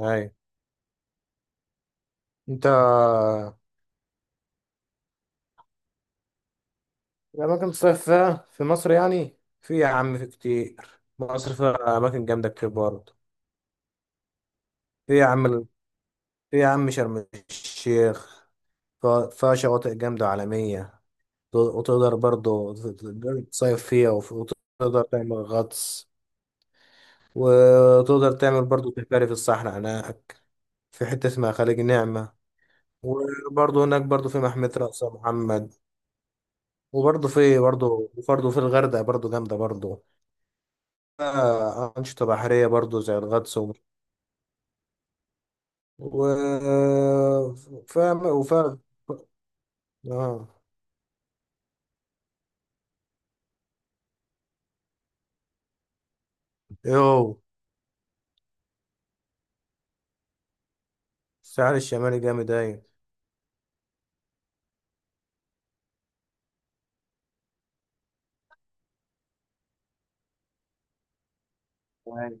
اي، انت. الاماكن تصيف فيها في مصر، يعني في يا عم كتير. مصر فيها اماكن جامده كتير برضه. في يا عم في يا عم شرم الشيخ. فيها شواطئ جامده عالميه. وتقدر برضه تصيف فيها، وتقدر تعمل غطس. وتقدر تعمل برضه سفاري في الصحراء هناك. في حته اسمها خليج نعمه. وبرضه هناك برضه في محمية رأس محمد. وبرضه في برضه وبرضه في الغردقة برضه جامدة برضه. أنشطة بحرية برضو زي الغطس. و... فاهم وفاهم. اه. يو الساحل الشمالي جامد، أيوة. تمام.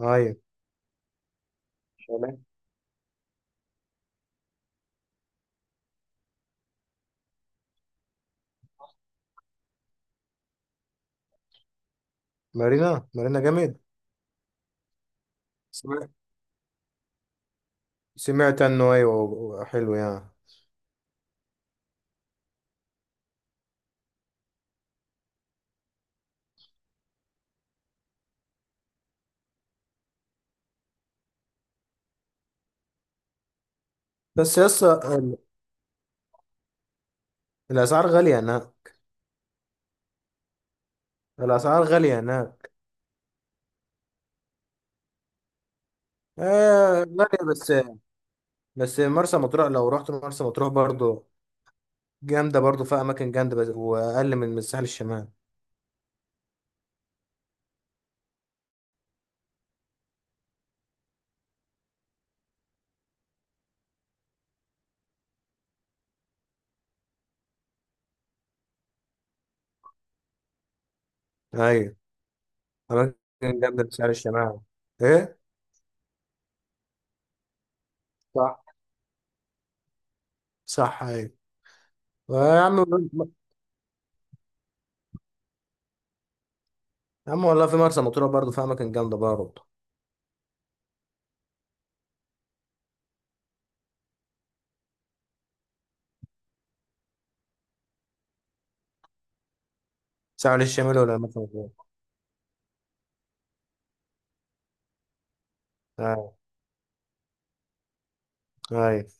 أيوة، تمام. مارينا، مارينا جامد. سمعت سمعت عنه، أيوة. حلو يعني. بس يسا الأسعار غالية هناك. الأسعار غالية هناك آه، غالية بس. بس مرسى مطروح، لو رحت مرسى مطروح برضو جامدة برضو، فيها أماكن جامدة بس، وأقل من الساحل الشمالي. أيوة. أماكن جامدة في شارع الشمال. إيه؟ صح. صح، أيوة. آه يا عم. يا عم والله، في مرسى مطروح برضه فيها أماكن جامدة برضه. ساحل الشمال ولا مرسى مطروح؟ أيوة. أيوة.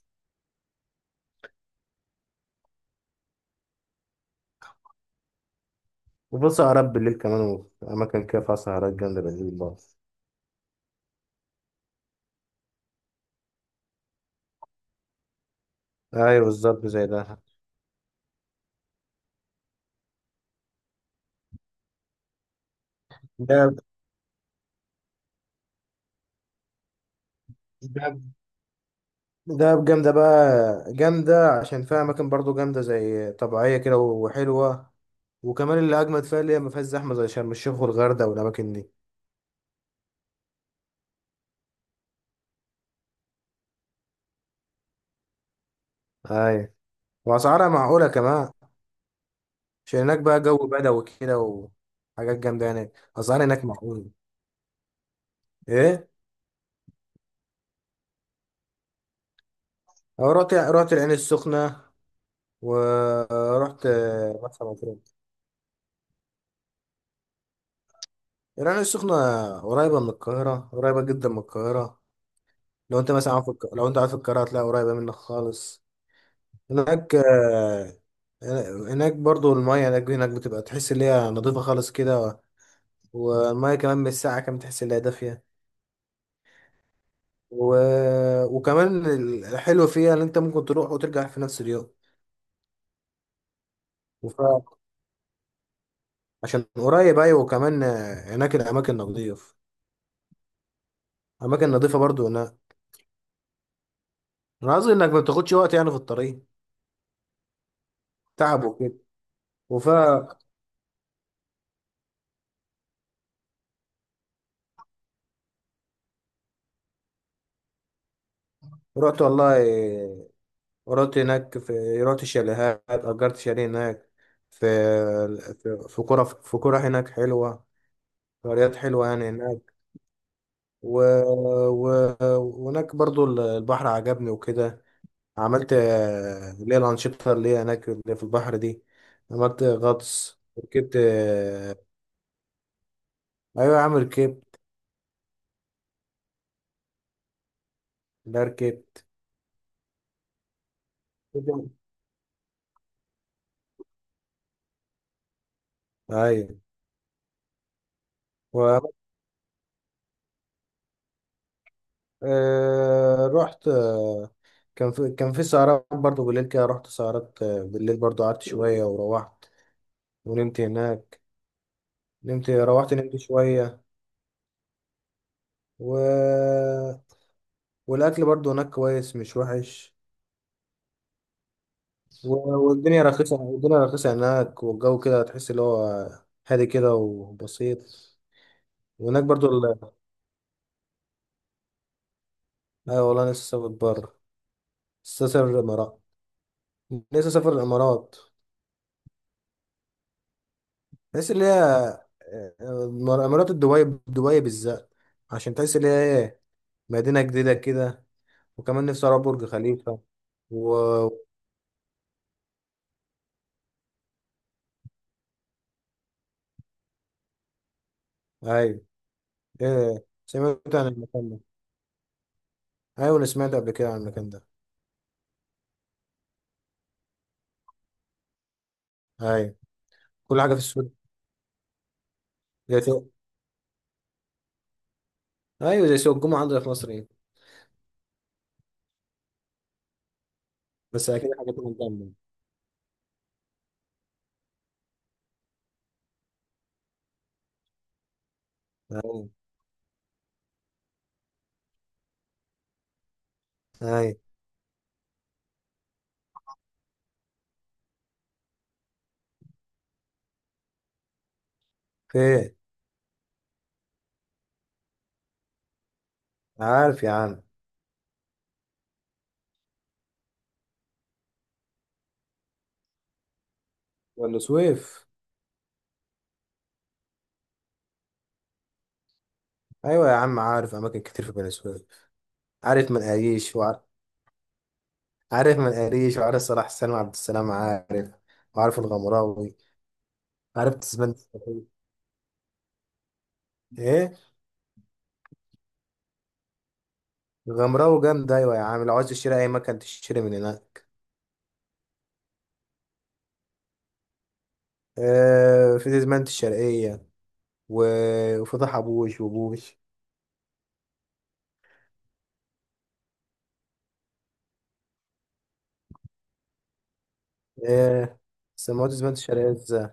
وفي سهرات بالليل كمان، وفي أماكن كده فيها سهرات جامدة بالليل برضه. أيوة، بالظبط زي ده. ده ده جامدة بقى. جامدة عشان فيها أماكن برضه جامدة، زي طبيعية كده وحلوة. وكمان اللي أجمد فيها، اللي هي ما فيهاش زحمة زي شرم الشيخ والغردقة والأماكن دي. أيوة. وأسعارها معقولة كمان. عشان هناك بقى جو بدوي كده، وحاجات جامدة يعني، أسعار هناك معقولة. إيه؟ رحت العين السخنة. ورحت مرسى مطروح. العين السخنة قريبة من القاهرة، قريبة جدا من القاهرة. لو أنت مثلا عارف لو أنت عارف القاهرة، هتلاقي قريبة منك خالص. هناك آه، هناك برضو المية هناك بتبقى تحس إن هي نضيفة خالص كده. والمية كمان من الساعة كمان تحس إن هي دافية. و... وكمان الحلو فيها إن أنت ممكن تروح وترجع في نفس اليوم. وف... عشان قريب ايوه، وكمان هناك الاماكن نظيف. اماكن نظيفه برضو هناك. انا قصدي انك ما بتاخدش وقت يعني في الطريق، تعب وكده. فرحت والله. رحت هناك، رحت الشاليهات، اجرت شاليه هناك. في في كرة هناك حلوه. قريات حلوه يعني هناك. و... و... وهناك برضو البحر عجبني وكده. عملت اللي هي الانشطه، اللي هي هناك اللي في البحر دي. عملت غطس، ركبت. ايوه يا عم، ركبت. لا، ركبت. ايوه. و... رحت كان في سهرات برضو بالليل كده. رحت سهرات بالليل، برضو قعدت شوية وروحت ونمت هناك. نمت، روحت، نمت شوية. و... والأكل برضو هناك كويس، مش وحش. و... والدنيا رخيصة، هناك. والجو كده تحس اللي هو هادي كده وبسيط. وهناك برضو ال... أيوة والله، لسه سافر بره. لسه سافر الإمارات. لسه سافر الإمارات. تحس اللي هي مرات، دبي، دبي بالذات. عشان تحس اللي هي ايه، مدينة جديدة كده. وكمان نفسي أروح برج خليفة. و أيوة. إيه، سمعت عن المكان ده. أيوة، أنا سمعت قبل كده عن المكان ده. أيوة، كل حاجة في السوق. زي سوق أيوة، زي سوق الجمعة عندنا في مصر، إيه. بس أكيد حاجة تكون جامدة. أيوة، أيوة. فين؟ عارف يا عم. بني سويف. أيوة يا عم، عارف أماكن كتير في بني سويف. عارف منقاريش. عارف من قريش، وعارف صلاح سلمى، عبد السلام عارف، وعارف الغمراوي. عارف تسمان الصغير. ايه. الغمراوي جامد، ايوه يا عم، لو عايز تشتري اي مكان تشتري من هناك. آه، في تسمانة الشرقية. وفتح أبوش وبوش. آه. سموه تسمانة الشرقية ازاي؟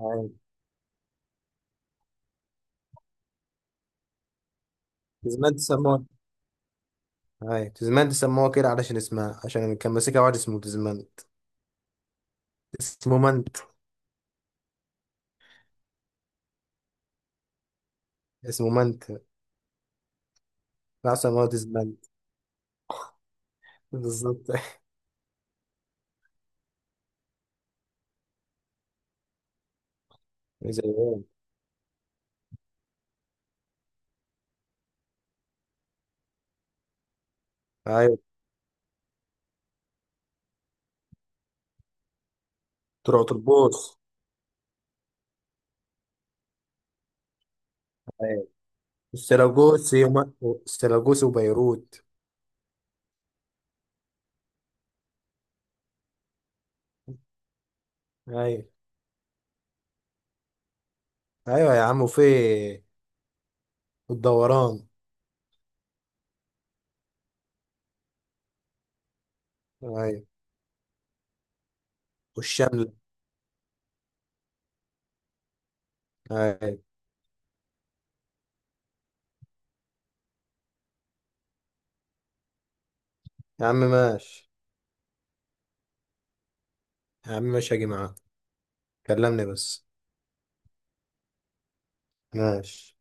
أيوة. تسمانة سموه. أيوة، تسمانة سموه كده علشان اسمها، عشان كان ماسكها واحد اسمه تسمانة. اسمه منت. اسمه منت لا، سموه تسمانة. بالظبط. زي ايه. ايوه، طلعوا تربوس. السلاجوسي وما- السلاجوسي وبيروت. ايوه. ايوه يا عم، وفي الدوران. ايوه، والشمل. ايوه. يا عم ماشي. يا عم ماشي، هاجي معاك. كلمني بس. ماشي.